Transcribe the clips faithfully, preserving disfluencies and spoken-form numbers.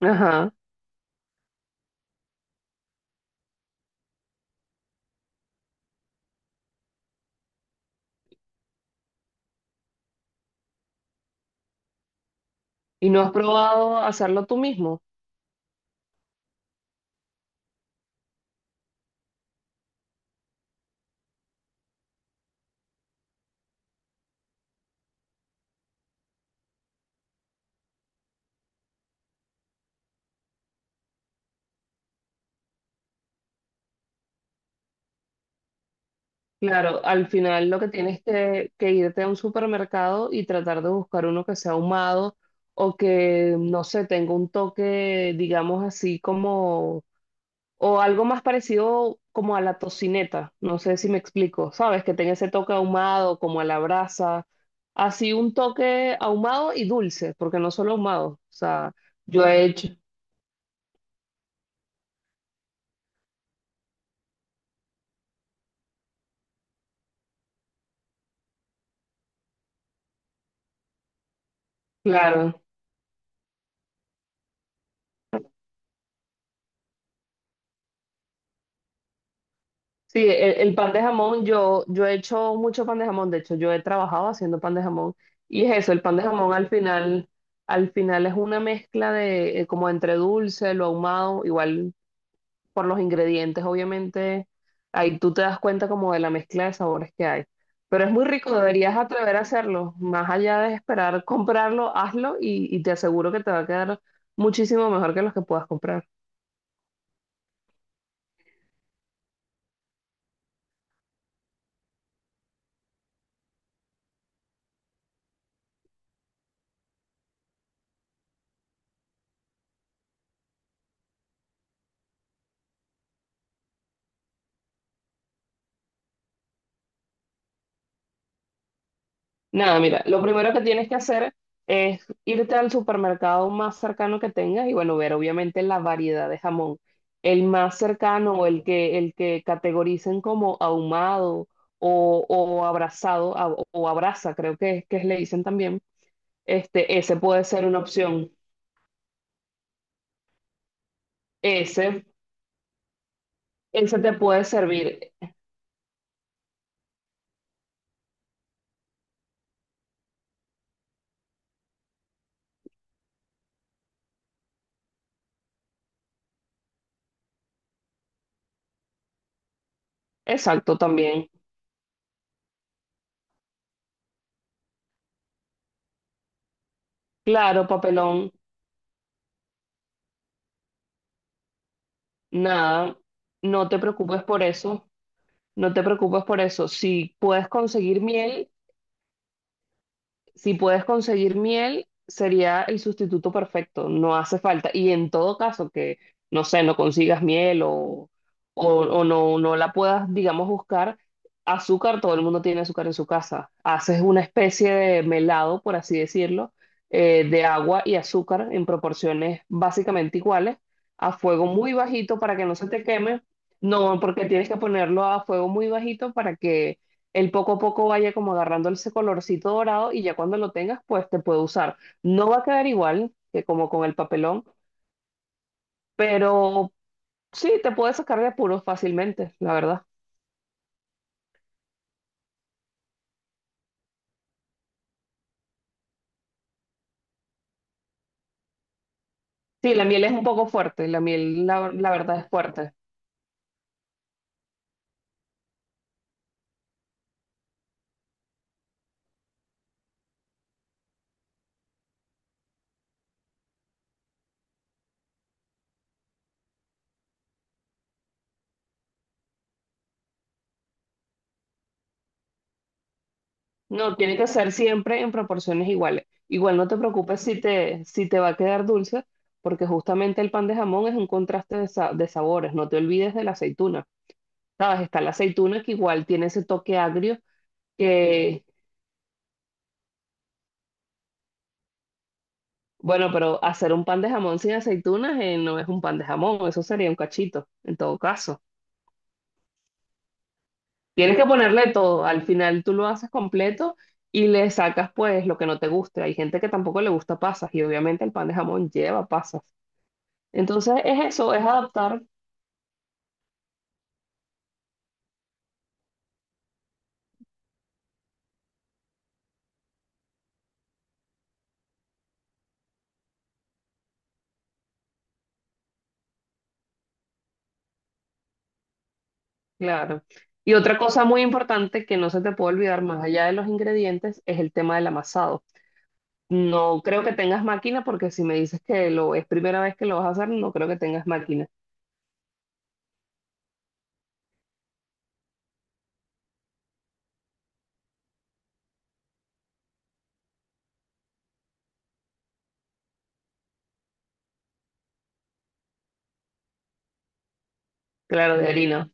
Ajá. Y no has probado hacerlo tú mismo. Claro, al final lo que tienes que, que irte a un supermercado y tratar de buscar uno que sea ahumado o que, no sé, tenga un toque, digamos así, como, o algo más parecido como a la tocineta. No sé si me explico, ¿sabes? Que tenga ese toque ahumado, como a la brasa. Así un toque ahumado y dulce, porque no solo ahumado. O sea, yo he hecho, claro. Sí, el, el pan de jamón, yo, yo he hecho mucho pan de jamón, de hecho yo he trabajado haciendo pan de jamón y es eso, el pan de jamón al final, al final es una mezcla de eh, como entre dulce, lo ahumado, igual por los ingredientes, obviamente, ahí tú te das cuenta como de la mezcla de sabores que hay. Pero es muy rico, deberías atrever a hacerlo, más allá de esperar comprarlo, hazlo y, y te aseguro que te va a quedar muchísimo mejor que los que puedas comprar. Nada, mira, lo primero que tienes que hacer es irte al supermercado más cercano que tengas y bueno, ver obviamente la variedad de jamón. El más cercano o el que, el que categoricen como ahumado o, o abrazado a- o abraza, creo que, es- que le dicen también, este, ese puede ser una opción. Ese, ese te puede servir. Exacto, también. Claro, papelón, nada, no te preocupes por eso. No te preocupes por eso. Si puedes conseguir miel, Si puedes conseguir miel, sería el sustituto perfecto, no hace falta. Y en todo caso que, no sé, no consigas miel o, o, o no, no la puedas, digamos, buscar, azúcar, todo el mundo tiene azúcar en su casa. Haces una especie de melado, por así decirlo, eh, de agua y azúcar en proporciones básicamente iguales, a fuego muy bajito para que no se te queme. No, porque tienes que ponerlo a fuego muy bajito para que el poco a poco vaya como agarrando ese colorcito dorado y ya cuando lo tengas, pues te puede usar. No va a quedar igual que como con el papelón, pero sí, te puedes sacar de apuros fácilmente, la verdad. Sí, la miel es un poco fuerte, la miel, la, la verdad, es fuerte. No, tiene que ser siempre en proporciones iguales. Igual no te preocupes si te, si te va a quedar dulce, porque justamente el pan de jamón es un contraste de, sa- de sabores. No te olvides de la aceituna. ¿Sabes? Está la aceituna que igual tiene ese toque agrio. Bueno, pero hacer un pan de jamón sin aceitunas eh, no es un pan de jamón, eso sería un cachito, en todo caso. Tienes que ponerle todo, al final tú lo haces completo y le sacas pues lo que no te guste. Hay gente que tampoco le gusta pasas y obviamente el pan de jamón lleva pasas. Entonces es eso, es adaptar, claro. Y otra cosa muy importante que no se te puede olvidar más allá de los ingredientes es el tema del amasado. No creo que tengas máquina porque si me dices que lo es primera vez que lo vas a hacer, no creo que tengas máquina. Claro, de harina.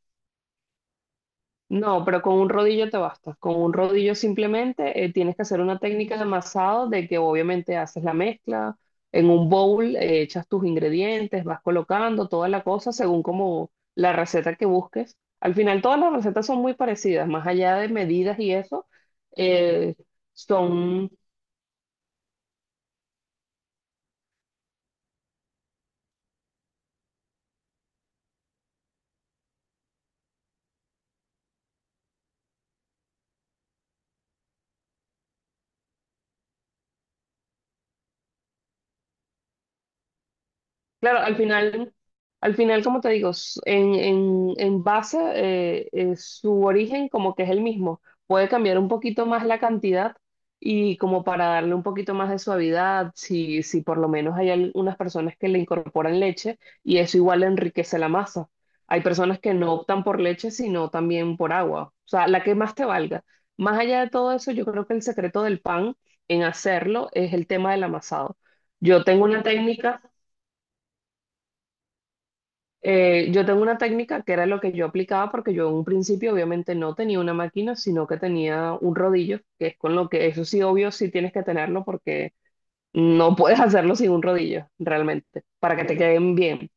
No, pero con un rodillo te basta. Con un rodillo simplemente eh, tienes que hacer una técnica de amasado de que obviamente haces la mezcla. En un bowl eh, echas tus ingredientes, vas colocando toda la cosa según como la receta que busques. Al final todas las recetas son muy parecidas, más allá de medidas y eso, eh, son. Claro, al final, al final, como te digo, s- en, en, en base, eh, eh, su origen como que es el mismo. Puede cambiar un poquito más la cantidad y como para darle un poquito más de suavidad, si, si por lo menos hay algunas personas que le incorporan leche y eso igual enriquece la masa. Hay personas que no optan por leche, sino también por agua. O sea, la que más te valga. Más allá de todo eso, yo creo que el secreto del pan en hacerlo es el tema del amasado. Yo tengo una técnica. Eh, yo tengo una técnica que era lo que yo aplicaba porque yo en un principio obviamente no tenía una máquina, sino que tenía un rodillo, que es con lo que eso sí obvio sí tienes que tenerlo porque no puedes hacerlo sin un rodillo realmente, para que te queden bien.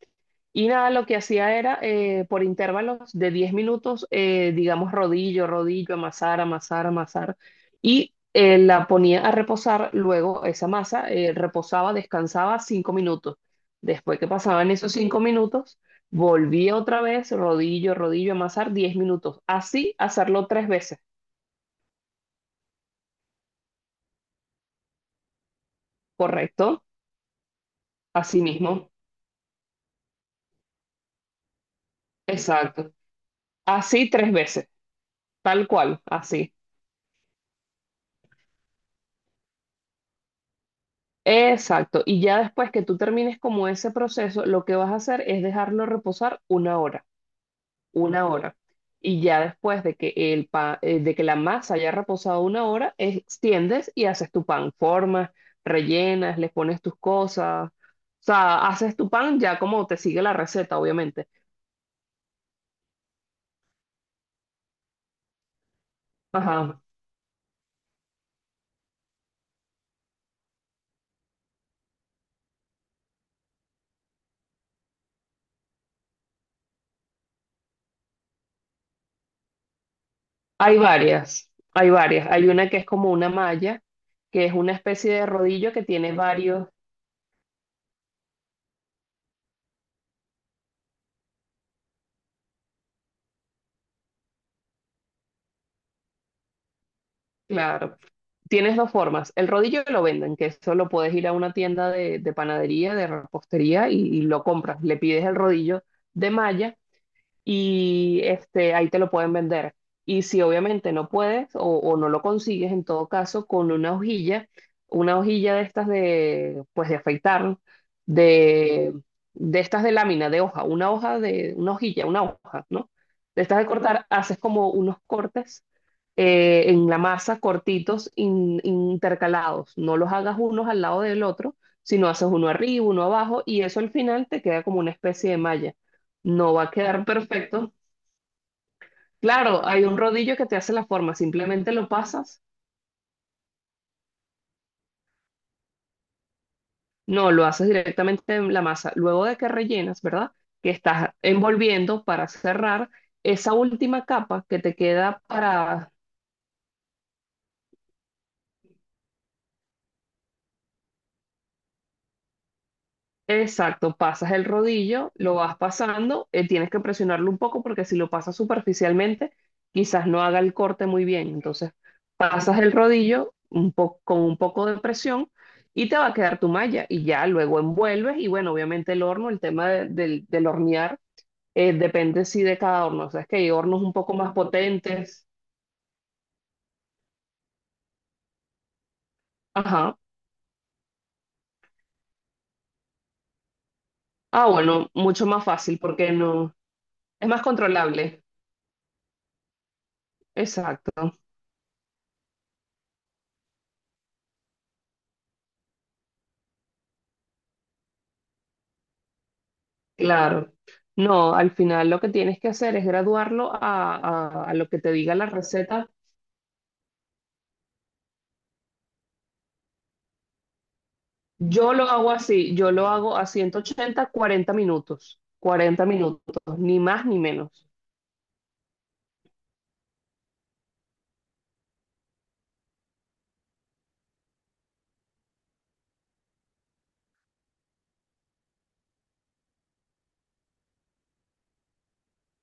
Y nada, lo que hacía era eh, por intervalos de diez minutos, eh, digamos rodillo, rodillo, amasar, amasar, amasar, y eh, la ponía a reposar, luego esa masa eh, reposaba, descansaba cinco minutos. Después que pasaban esos cinco minutos, volvía otra vez, rodillo, rodillo, amasar diez minutos. Así hacerlo tres veces, ¿correcto? Así mismo, exacto. Así tres veces, tal cual, así. Exacto. Y ya después que tú termines como ese proceso, lo que vas a hacer es dejarlo reposar una hora, una hora. Y ya después de que el pa- eh, de que la masa haya reposado una hora, extiendes y haces tu pan, formas, rellenas, le pones tus cosas. O sea, haces tu pan ya como te sigue la receta, obviamente. Ajá. Hay varias, hay varias. Hay una que es como una malla, que es una especie de rodillo que tiene varios. Claro. Tienes dos formas. El rodillo lo venden, que eso lo puedes ir a una tienda de, de panadería, de repostería y, y lo compras. Le pides el rodillo de malla y este, ahí te lo pueden vender. Y si obviamente no puedes o, o no lo consigues, en todo caso, con una hojilla, una hojilla de estas de, pues de afeitar, de, de estas de lámina, de hoja, una hoja de, una hojilla, una hoja, ¿no? De estas de cortar, haces como unos cortes eh, en la masa cortitos in- intercalados. No los hagas unos al lado del otro, sino haces uno arriba, uno abajo y eso al final te queda como una especie de malla. No va a quedar perfecto. Claro, hay un rodillo que te hace la forma, simplemente lo pasas. No, lo haces directamente en la masa. Luego de que rellenas, ¿verdad? Que estás envolviendo para cerrar esa última capa que te queda para. Exacto, pasas el rodillo, lo vas pasando, eh, tienes que presionarlo un poco porque si lo pasas superficialmente, quizás no haga el corte muy bien. Entonces, pasas el rodillo un po- con un poco de presión y te va a quedar tu malla y ya luego envuelves y bueno, obviamente el horno, el tema de- del, del hornear, eh, depende sí de cada horno. O sea, es que hay hornos un poco más potentes. Ajá. Ah, bueno, mucho más fácil porque no, es más controlable. Exacto. Claro. No, al final lo que tienes que hacer es graduarlo a, a- a lo que te diga la receta. Yo lo hago así, yo lo hago a ciento ochenta, cuarenta minutos, cuarenta minutos, ni más ni menos.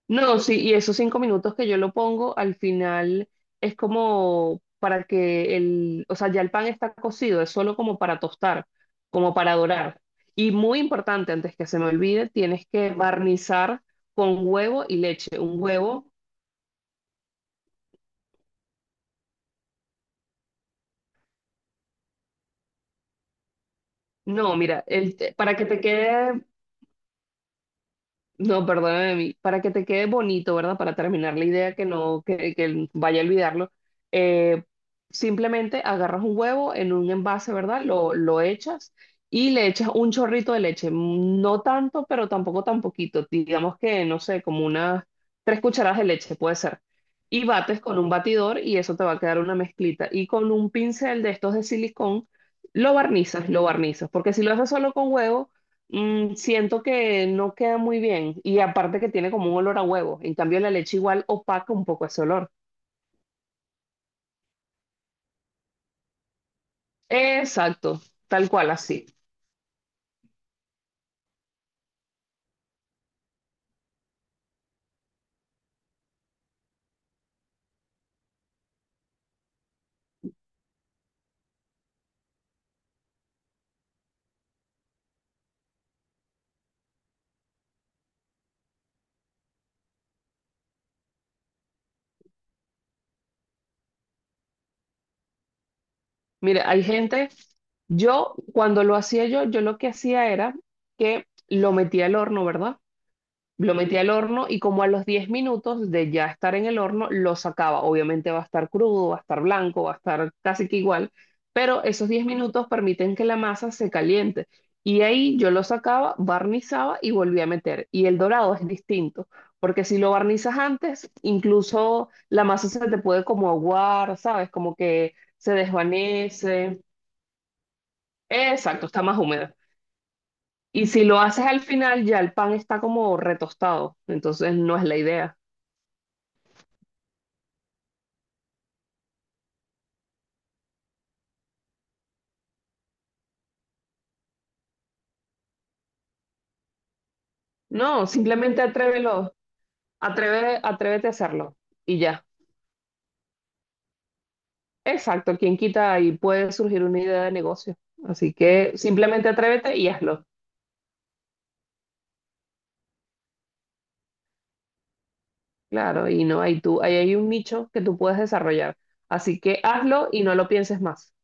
No, sí, y esos cinco minutos que yo lo pongo, al final es como para que el, o sea, ya el pan está cocido, es solo como para tostar, como para dorar. Y muy importante, antes que se me olvide, tienes que barnizar con huevo y leche, un huevo. No, mira, el te- para que te quede, no, perdóname a mí, para que te quede bonito, ¿verdad? Para terminar la idea que no, que, que vaya a olvidarlo, eh, simplemente agarras un huevo en un envase, ¿verdad? Lo, lo echas y le echas un chorrito de leche, mm, no tanto, pero tampoco tan poquito, digamos que, no sé, como unas tres cucharadas de leche puede ser. Y bates con un batidor y eso te va a quedar una mezclita. Y con un pincel de estos de silicón, lo barnizas, lo barnizas, porque si lo haces solo con huevo, Mm, siento que no queda muy bien y aparte que tiene como un olor a huevo. En cambio, la leche igual opaca un poco ese olor. Exacto, tal cual así. Mira, hay gente, yo cuando lo hacía yo, yo, lo que hacía era que lo metía al horno, ¿verdad? Lo metí al horno y como a los diez minutos de ya estar en el horno, lo sacaba. Obviamente va a estar crudo, va a estar blanco, va a estar casi que igual, pero esos diez minutos permiten que la masa se caliente. Y ahí yo lo sacaba, barnizaba y volví a meter. Y el dorado es distinto, porque si lo barnizas antes, incluso la masa se te puede como aguar, ¿sabes? Como que se desvanece. Exacto, está más húmeda. Y si lo haces al final, ya el pan está como retostado, entonces no es la idea. No, simplemente atrévelo, atreve, atrévete a hacerlo y ya. Exacto, quien quita y puede surgir una idea de negocio. Así que simplemente atrévete y hazlo. Claro, y no hay tú, ahí hay un nicho que tú puedes desarrollar. Así que hazlo y no lo pienses más.